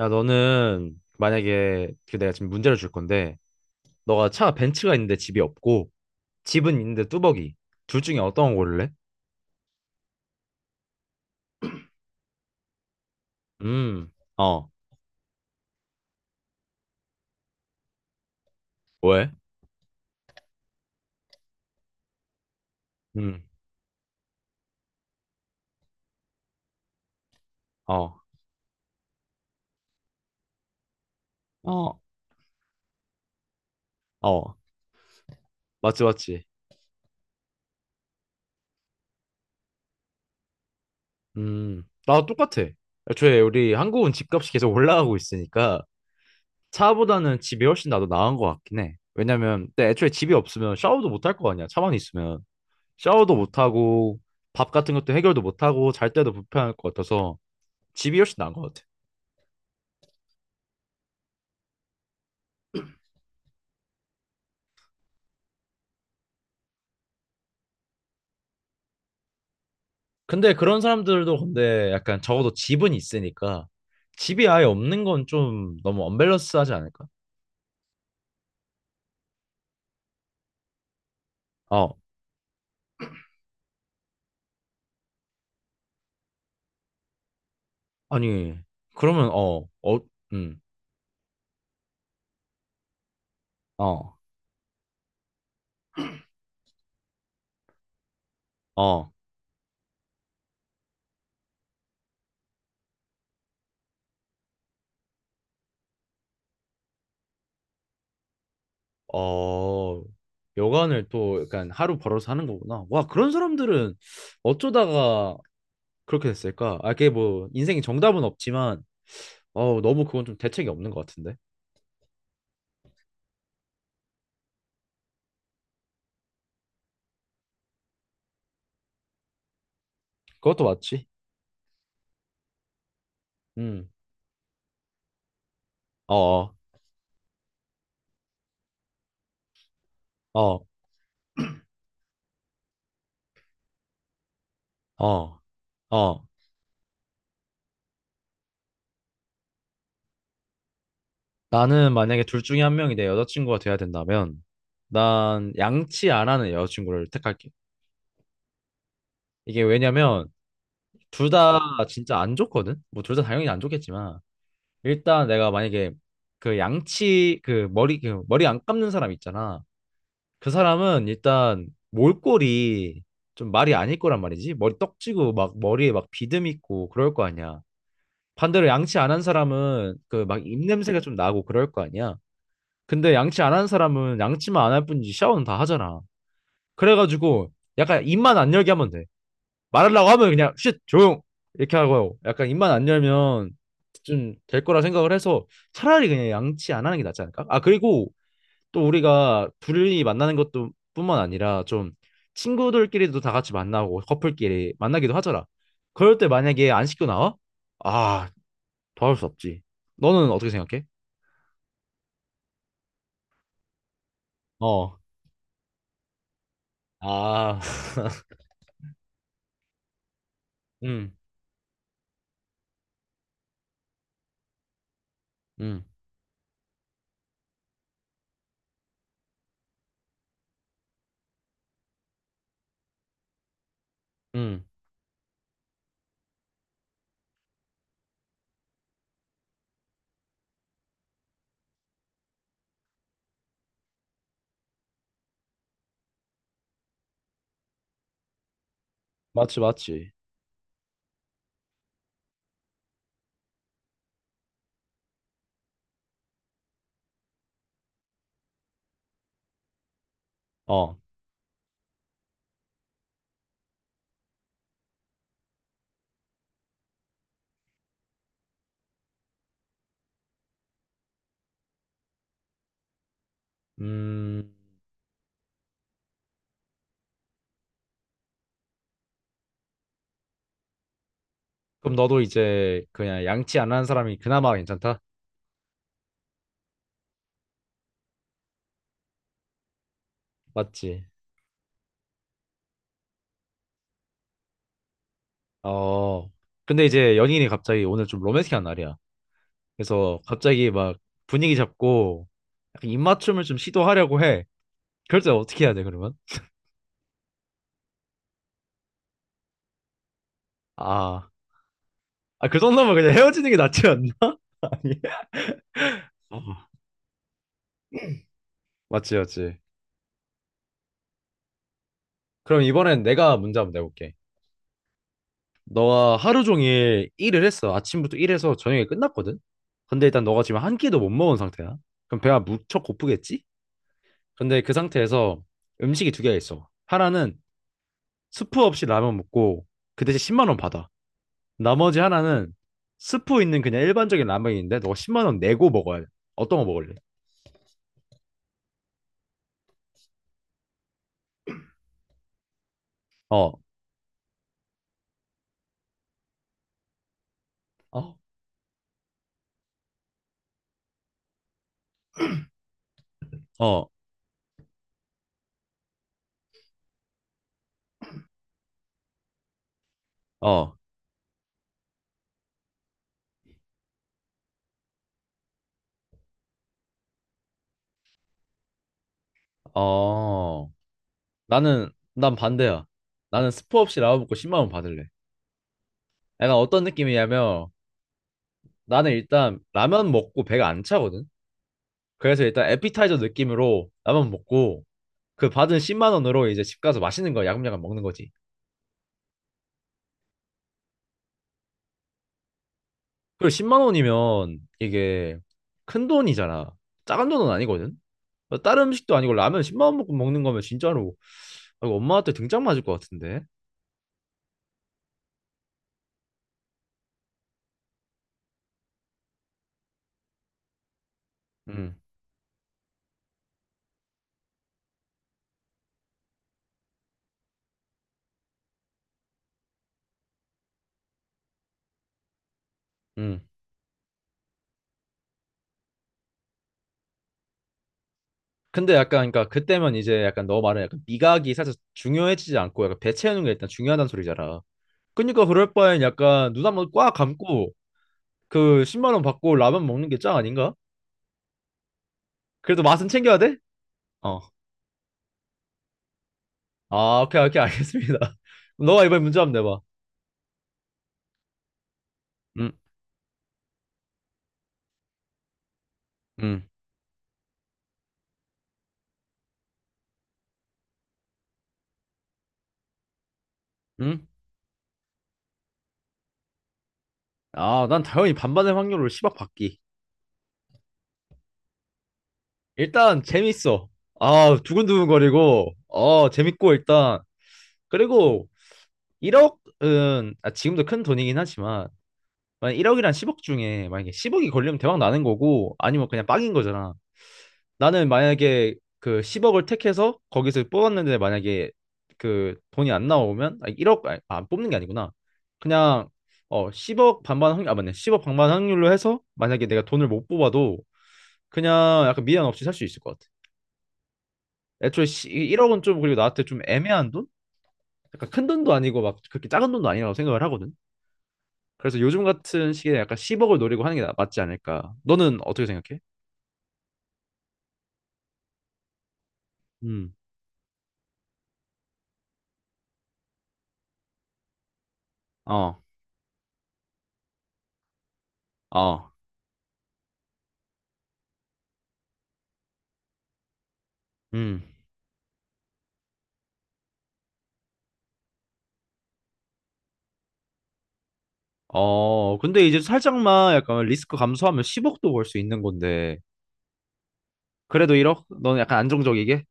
야, 너는 만약에 그 내가 지금 문제를 줄 건데, 너가 차 벤츠가 있는데 집이 없고, 집은 있는데 뚜벅이. 둘 중에 어떤 거 고를래? 음, 어, 왜? 음, 어, 어, 어, 맞지, 맞지. 나도 똑같아. 애초에 우리 한국은 집값이 계속 올라가고 있으니까, 차보다는 집이 훨씬 나도 나은 것 같긴 해. 왜냐면, 근데 애초에 집이 없으면 샤워도 못 할 거 아니야. 차만 있으면. 샤워도 못 하고, 밥 같은 것도 해결도 못 하고, 잘 때도 불편할 것 같아서, 집이 훨씬 나은 것 같아. 근데 그런 사람들도 근데 약간 적어도 집은 있으니까 집이 아예 없는 건 좀 너무 언밸런스하지 않을까? 어, 아니, 그러면 음, 어, 어, 어, 여간을 또 약간 하루 벌어서 하는 거구나. 와, 그런 사람들은 어쩌다가 그렇게 됐을까? 아, 그게 뭐 인생의 정답은 없지만 어, 너무 그건 좀 대책이 없는 것 같은데. 그것도 맞지. 음, 어, 어, 어, 어, 어, 나는 만약에 둘 중에 한 명이 내 여자친구가 돼야 된다면 난 양치 안 하는 여자친구를 택할게. 이게 왜냐면 둘 다 진짜 안 좋거든? 뭐 둘 다 당연히 안 좋겠지만 일단 내가 만약에 그 양치 그 머리 그 머리 안 감는 사람 있잖아. 그 사람은 일단 몰골이 좀 말이 아닐 거란 말이지. 머리 떡지고 막 머리에 막 비듬 있고 그럴 거 아니야. 반대로 양치 안 한 사람은 그 막 입냄새가 좀 나고 그럴 거 아니야. 근데 양치 안 하는 사람은 양치만 안 할 뿐이지 샤워는 다 하잖아. 그래가지고 약간 입만 안 열게 하면 돼. 말하려고 하면 그냥 쉿 조용 이렇게 하고 약간 입만 안 열면 좀 될 거라 생각을 해서 차라리 그냥 양치 안 하는 게 낫지 않을까? 아, 그리고 또 우리가 둘이 만나는 것도 뿐만 아니라 좀 친구들끼리도 다 같이 만나고 커플끼리 만나기도 하잖아. 그럴 때 만약에 안 씻고 나와? 아, 도와줄 수 없지. 너는 어떻게 생각해? 어. 아. 음. 음. 음, 맞지, 맞지. 어, 음, 그럼 너도 이제 그냥 양치 안 하는 사람이 그나마 괜찮다? 맞지? 어, 근데 이제 연인이 갑자기 오늘 좀 로맨틱한 날이야. 그래서 갑자기 막 분위기 잡고 약간 입맞춤을 좀 시도하려고 해. 그럴 때 어떻게 해야 돼, 그러면? 아, 아, 그 정도면 그냥 헤어지는 게 낫지 않나? 어, 맞지, 맞지. 그럼 이번엔 내가 문제 한번 내볼게. 너가 하루 종일 일을 했어. 아침부터 일해서 저녁에 끝났거든. 근데 일단 너가 지금 한 끼도 못 먹은 상태야. 그럼 배가 무척 고프겠지? 근데 그 상태에서 음식이 두 개가 있어. 하나는 스프 없이 라면 먹고 그 대신 10만 원 받아. 나머지 하나는 스프 있는 그냥 일반적인 라면인데 너가 10만 원 내고 먹어야 돼. 어떤 거 먹을래? 어, 어, 어, 어, 어. 나는 난 반대야. 나는 스프 없이 라면 먹고 10만 원 받을래. 약간 어떤 느낌이냐면 나는 일단 라면 먹고 배가 안 차거든. 그래서 일단 에피타이저 느낌으로 라면 먹고 그 받은 10만 원으로 이제 집 가서 맛있는 거 야금야금 먹는 거지. 그리고 10만 원이면 이게 큰 돈이잖아. 작은 돈은 아니거든. 어, 다른 음식도 아니고 라면 10만 원 먹고 먹는 거면 진짜로 아, 이거 엄마한테 등짝 맞을 것 같은데. 음, 음. 근데 약간 그러니까 그때면 이제 약간 너 말은 약간 미각이 살짝 중요해지지 않고 약간 배 채우는 게 일단 중요하단 소리잖아. 그러니까 그럴 바엔 약간 눈 한번 꽉 감고 그 10만 원 받고 라면 먹는 게 짱 아닌가? 그래도 맛은 챙겨야 돼? 어. 아, 오케이, 오케이, 알겠습니다. 그럼 너가 이번에 문제 한번 내봐. 응? 응? 응? 아, 난 당연히 반반의 확률로 10억 받기. 일단 재밌어. 아, 두근두근거리고, 어, 재밌고 일단. 그리고 1억은 아, 지금도 큰 돈이긴 하지만 만약 1억이랑 10억 중에 만약에 10억이 걸리면 대박 나는 거고 아니면 그냥 빵인 거잖아. 나는 만약에 그 10억을 택해서 거기서 뽑았는데 만약에 그 돈이 안 나오면 아니 1억 아니, 아, 뽑는 게 아니구나. 그냥 어 10억 반반 확률 아 맞네. 10억 반반 확률로 해서 만약에 내가 돈을 못 뽑아도 그냥 약간 미련 없이 살 수 있을 것 같아. 애초에 1억은 좀 그리고 나한테 좀 애매한 돈? 약간 큰 돈도 아니고 막 그렇게 작은 돈도 아니라고 생각을 하거든. 그래서 요즘 같은 시기에 약간 10억을 노리고 하는 게 나- 맞지 않을까. 너는 어떻게 생각해? 음. 어. 어. 음. 어, 근데 이제 살짝만 약간 리스크 감소하면 10억도 벌 수 있는 건데. 그래도 1억? 너는 약간 안정적이게?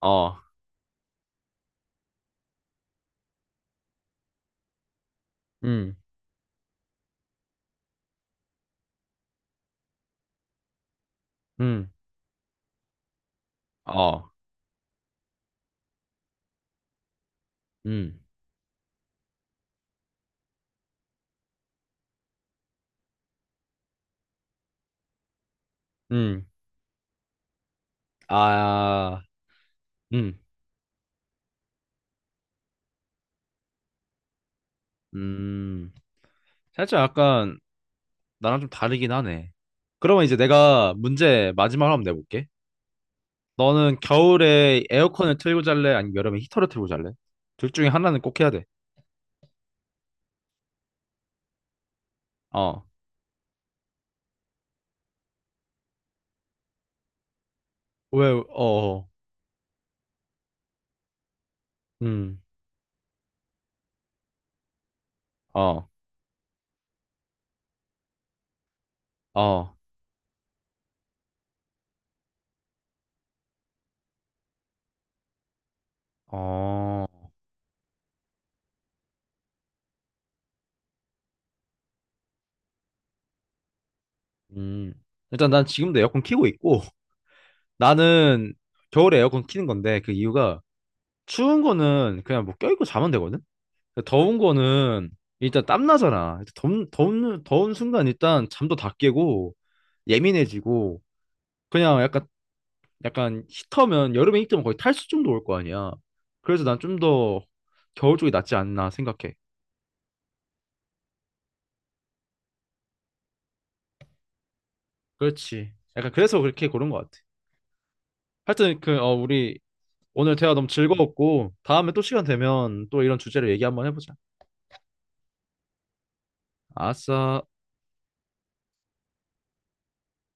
어, 음, 음, 어, 음, 음, 아, 음, 음. 살짝 약간 나랑 좀 다르긴 하네. 그러면 이제 내가 문제 마지막으로 한번 내볼게. 너는 겨울에 에어컨을 틀고 잘래? 아니면 여름에 히터를 틀고 잘래? 둘 중에 하나는 꼭 해야 돼. 어, 왜, 어, 어. 음, 어, 어, 어. 음. 일단 난 지금도 에어컨 키고 있고 나는 겨울에 에어컨 키는 건데 그 이유가 추운 거는 그냥 뭐 껴입고 자면 되거든. 근데 더운 거는 일단 땀 나잖아. 더운 순간 일단 잠도 다 깨고 예민해지고 그냥 약간 히터면 여름에 히터면 거의 탈수증도 올 거 아니야. 그래서 난 좀 더 겨울 쪽이 낫지 않나 생각해. 그렇지. 약간 그래서 그렇게 고른 것 같아. 하여튼 그 우리 오늘 대화 너무 즐거웠고, 다음에 또 시간 되면 또 이런 주제로 얘기 한번 해보자. 아싸.